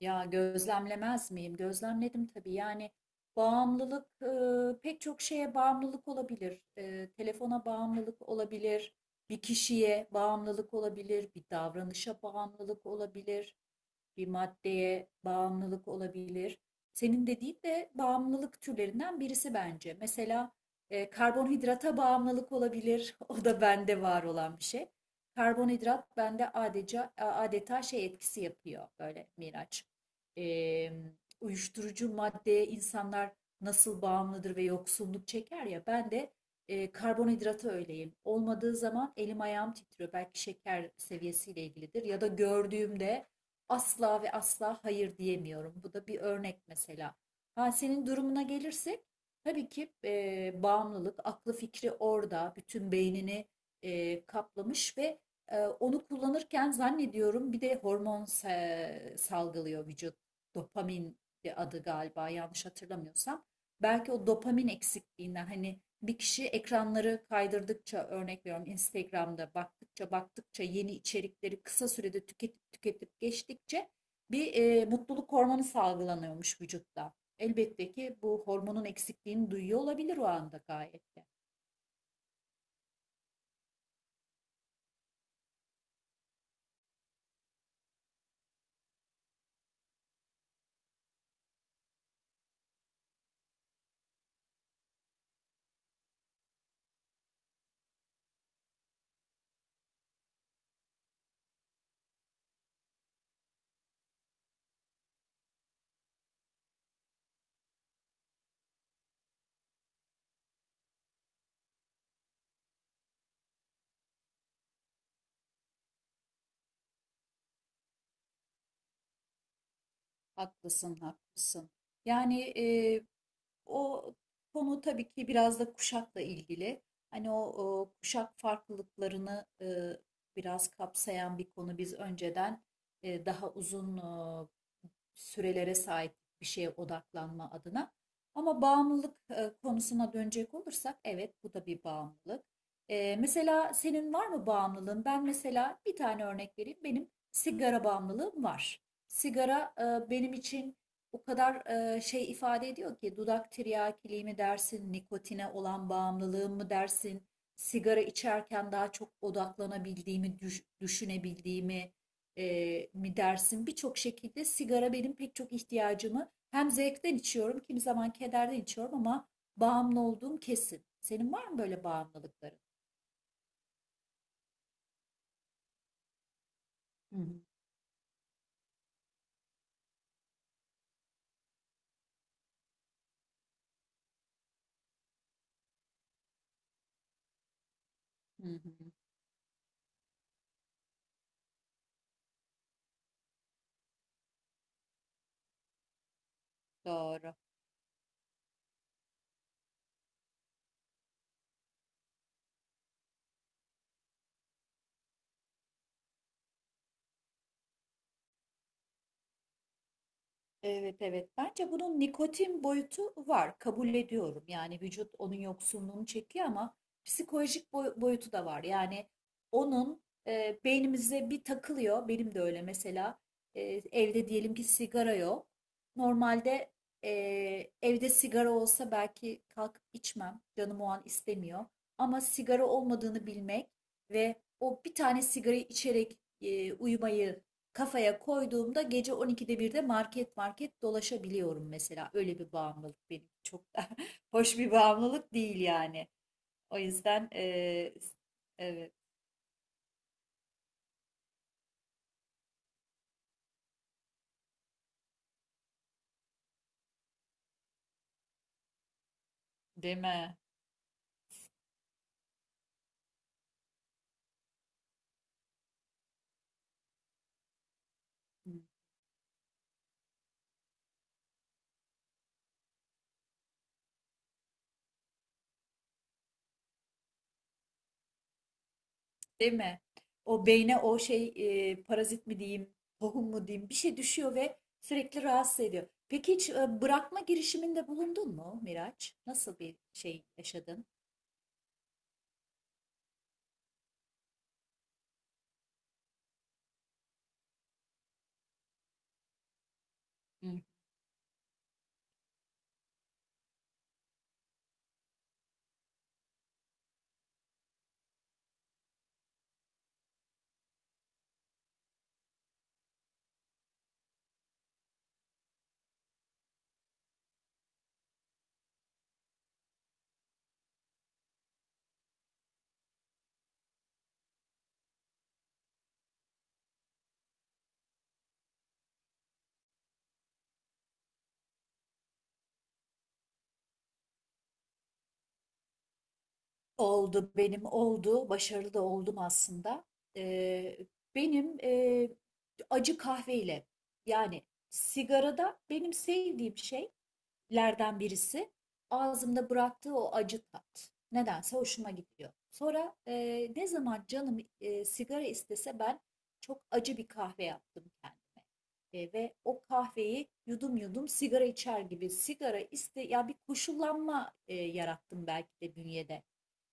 Ya gözlemlemez miyim? Gözlemledim tabii. Yani bağımlılık pek çok şeye bağımlılık olabilir. Telefona bağımlılık olabilir, bir kişiye bağımlılık olabilir, bir davranışa bağımlılık olabilir, bir maddeye bağımlılık olabilir. Senin dediğin de bağımlılık türlerinden birisi bence. Mesela karbonhidrata bağımlılık olabilir. O da bende var olan bir şey. Karbonhidrat bende adeta adeta şey etkisi yapıyor böyle Miraç. E, uyuşturucu maddeye insanlar nasıl bağımlıdır ve yoksunluk çeker ya ben de karbonhidrata öyleyim. Olmadığı zaman elim ayağım titriyor. Belki şeker seviyesiyle ilgilidir ya da gördüğümde asla ve asla hayır diyemiyorum. Bu da bir örnek mesela. Ha, senin durumuna gelirsek tabii ki bağımlılık, aklı fikri orada, bütün beynini kaplamış ve onu kullanırken zannediyorum bir de hormon salgılıyor vücut. Dopamin de adı galiba, yanlış hatırlamıyorsam. Belki o dopamin eksikliğinden hani bir kişi ekranları kaydırdıkça, örnek veriyorum, Instagram'da baktıkça baktıkça yeni içerikleri kısa sürede tüketip tüketip geçtikçe bir mutluluk hormonu salgılanıyormuş vücutta. Elbette ki bu hormonun eksikliğini duyuyor olabilir o anda gayet de. Haklısın, haklısın. Yani o konu tabii ki biraz da kuşakla ilgili. Hani o kuşak farklılıklarını biraz kapsayan bir konu. Biz önceden daha uzun sürelere sahip bir şeye odaklanma adına. Ama bağımlılık konusuna dönecek olursak evet, bu da bir bağımlılık. Mesela senin var mı bağımlılığın? Ben mesela bir tane örnek vereyim. Benim sigara bağımlılığım var. Sigara benim için o kadar şey ifade ediyor ki dudak tiryakiliği mi dersin, nikotine olan bağımlılığım mı dersin, sigara içerken daha çok odaklanabildiğimi, düşünebildiğimi mi dersin? Birçok şekilde sigara benim pek çok ihtiyacımı, hem zevkten içiyorum, kimi zaman kederden içiyorum, ama bağımlı olduğum kesin. Senin var mı böyle bağımlılıkların? Hı hı. Hı hı, doğru. Evet, evet. Bence bunun nikotin boyutu var. Kabul ediyorum. Yani vücut onun yoksunluğunu çekiyor, ama psikolojik boyutu da var. Yani onun beynimize bir takılıyor. Benim de öyle mesela. E, evde diyelim ki sigara yok. Normalde e, evde sigara olsa belki kalkıp içmem. Canım o an istemiyor. Ama sigara olmadığını bilmek ve o bir tane sigarayı içerek uyumayı kafaya koyduğumda gece 12'de birde market market dolaşabiliyorum mesela. Öyle bir bağımlılık benim, çok da hoş bir bağımlılık değil yani. O yüzden evet, deme deme. O beyne o şey parazit mi diyeyim, tohum mu diyeyim, bir şey düşüyor ve sürekli rahatsız ediyor. Peki hiç bırakma girişiminde bulundun mu Miraç? Nasıl bir şey yaşadın? Oldu, benim oldu. Başarılı da oldum aslında. Ee, benim acı kahveyle, yani sigarada benim sevdiğim şey lerden birisi ağzımda bıraktığı o acı tat. Nedense hoşuma gidiyor. Sonra ne zaman canım sigara istese ben çok acı bir kahve yaptım kendime. Ve o kahveyi yudum yudum sigara içer gibi sigara iste ya, bir koşullanma yarattım belki de bünyede.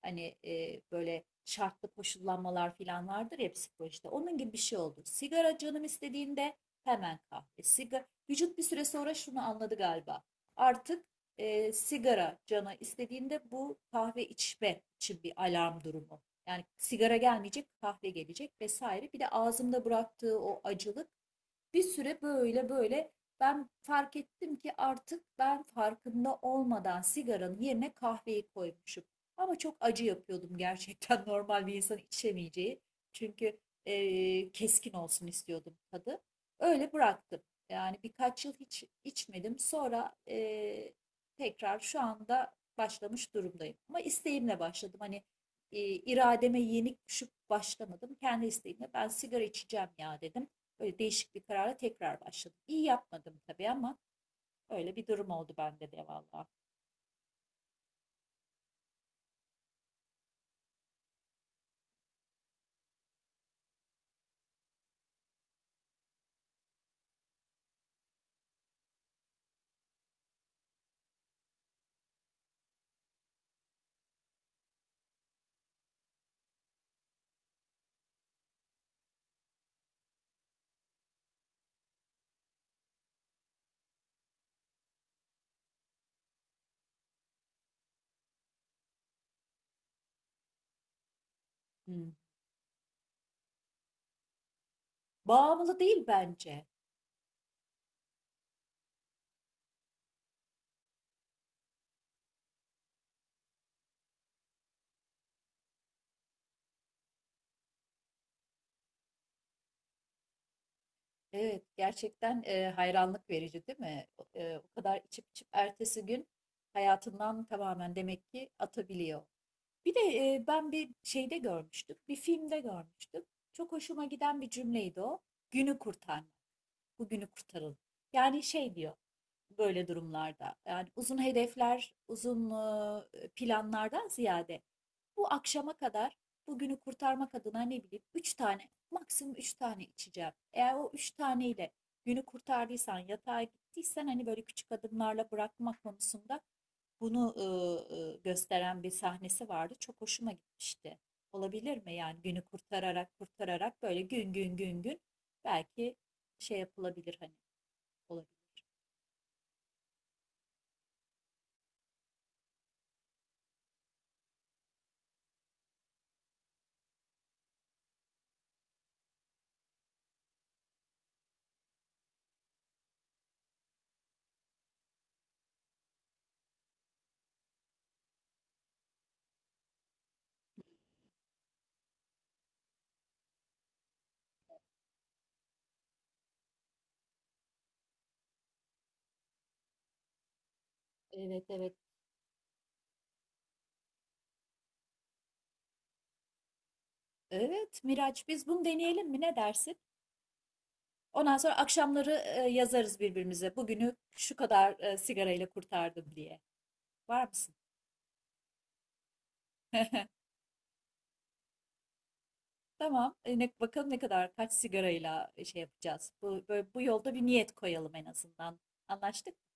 Hani böyle şartlı koşullanmalar falan vardır ya psikolojide. Onun gibi bir şey oldu. Sigara canım istediğinde hemen kahve. Sigara, vücut bir süre sonra şunu anladı galiba. Artık sigara cana istediğinde bu kahve içme için bir alarm durumu. Yani sigara gelmeyecek, kahve gelecek vesaire. Bir de ağzımda bıraktığı o acılık, bir süre böyle böyle ben fark ettim ki artık ben farkında olmadan sigaranın yerine kahveyi koymuşum. Ama çok acı yapıyordum gerçekten normal bir insan içemeyeceği. Çünkü keskin olsun istiyordum tadı. Öyle bıraktım. Yani birkaç yıl hiç içmedim. Sonra tekrar şu anda başlamış durumdayım. Ama isteğimle başladım. Hani irademe yenik düşüp başlamadım. Kendi isteğimle ben sigara içeceğim ya dedim. Böyle değişik bir karara tekrar başladım. İyi yapmadım tabii ama öyle bir durum oldu bende de valla. Hmm. Bağımlı değil bence. Evet, gerçekten hayranlık verici değil mi? O kadar içip içip ertesi gün hayatından tamamen demek ki atabiliyor. Bir de ben bir şeyde görmüştüm, bir filmde görmüştüm. Çok hoşuma giden bir cümleydi o. Günü kurtarmak, bugünü kurtarın. Yani şey diyor, böyle durumlarda. Yani uzun hedefler, uzun planlardan ziyade, bu akşama kadar bugünü kurtarmak adına, ne bileyim, 3 tane, maksimum 3 tane içeceğim. Eğer o 3 taneyle günü kurtardıysan, yatağa gittiysen, hani böyle küçük adımlarla bırakma konusunda bunu gösteren bir sahnesi vardı. Çok hoşuma gitmişti. Olabilir mi yani günü kurtararak kurtararak böyle gün gün gün gün belki şey yapılabilir hani, olabilir. Evet, evet. Evet Miraç, biz bunu deneyelim mi, ne dersin? Ondan sonra akşamları yazarız birbirimize. Bugünü şu kadar sigarayla kurtardım diye. Var mısın? Tamam. Bakalım ne kadar, kaç sigarayla şey yapacağız. Bu, böyle, bu yolda bir niyet koyalım en azından. Anlaştık mı?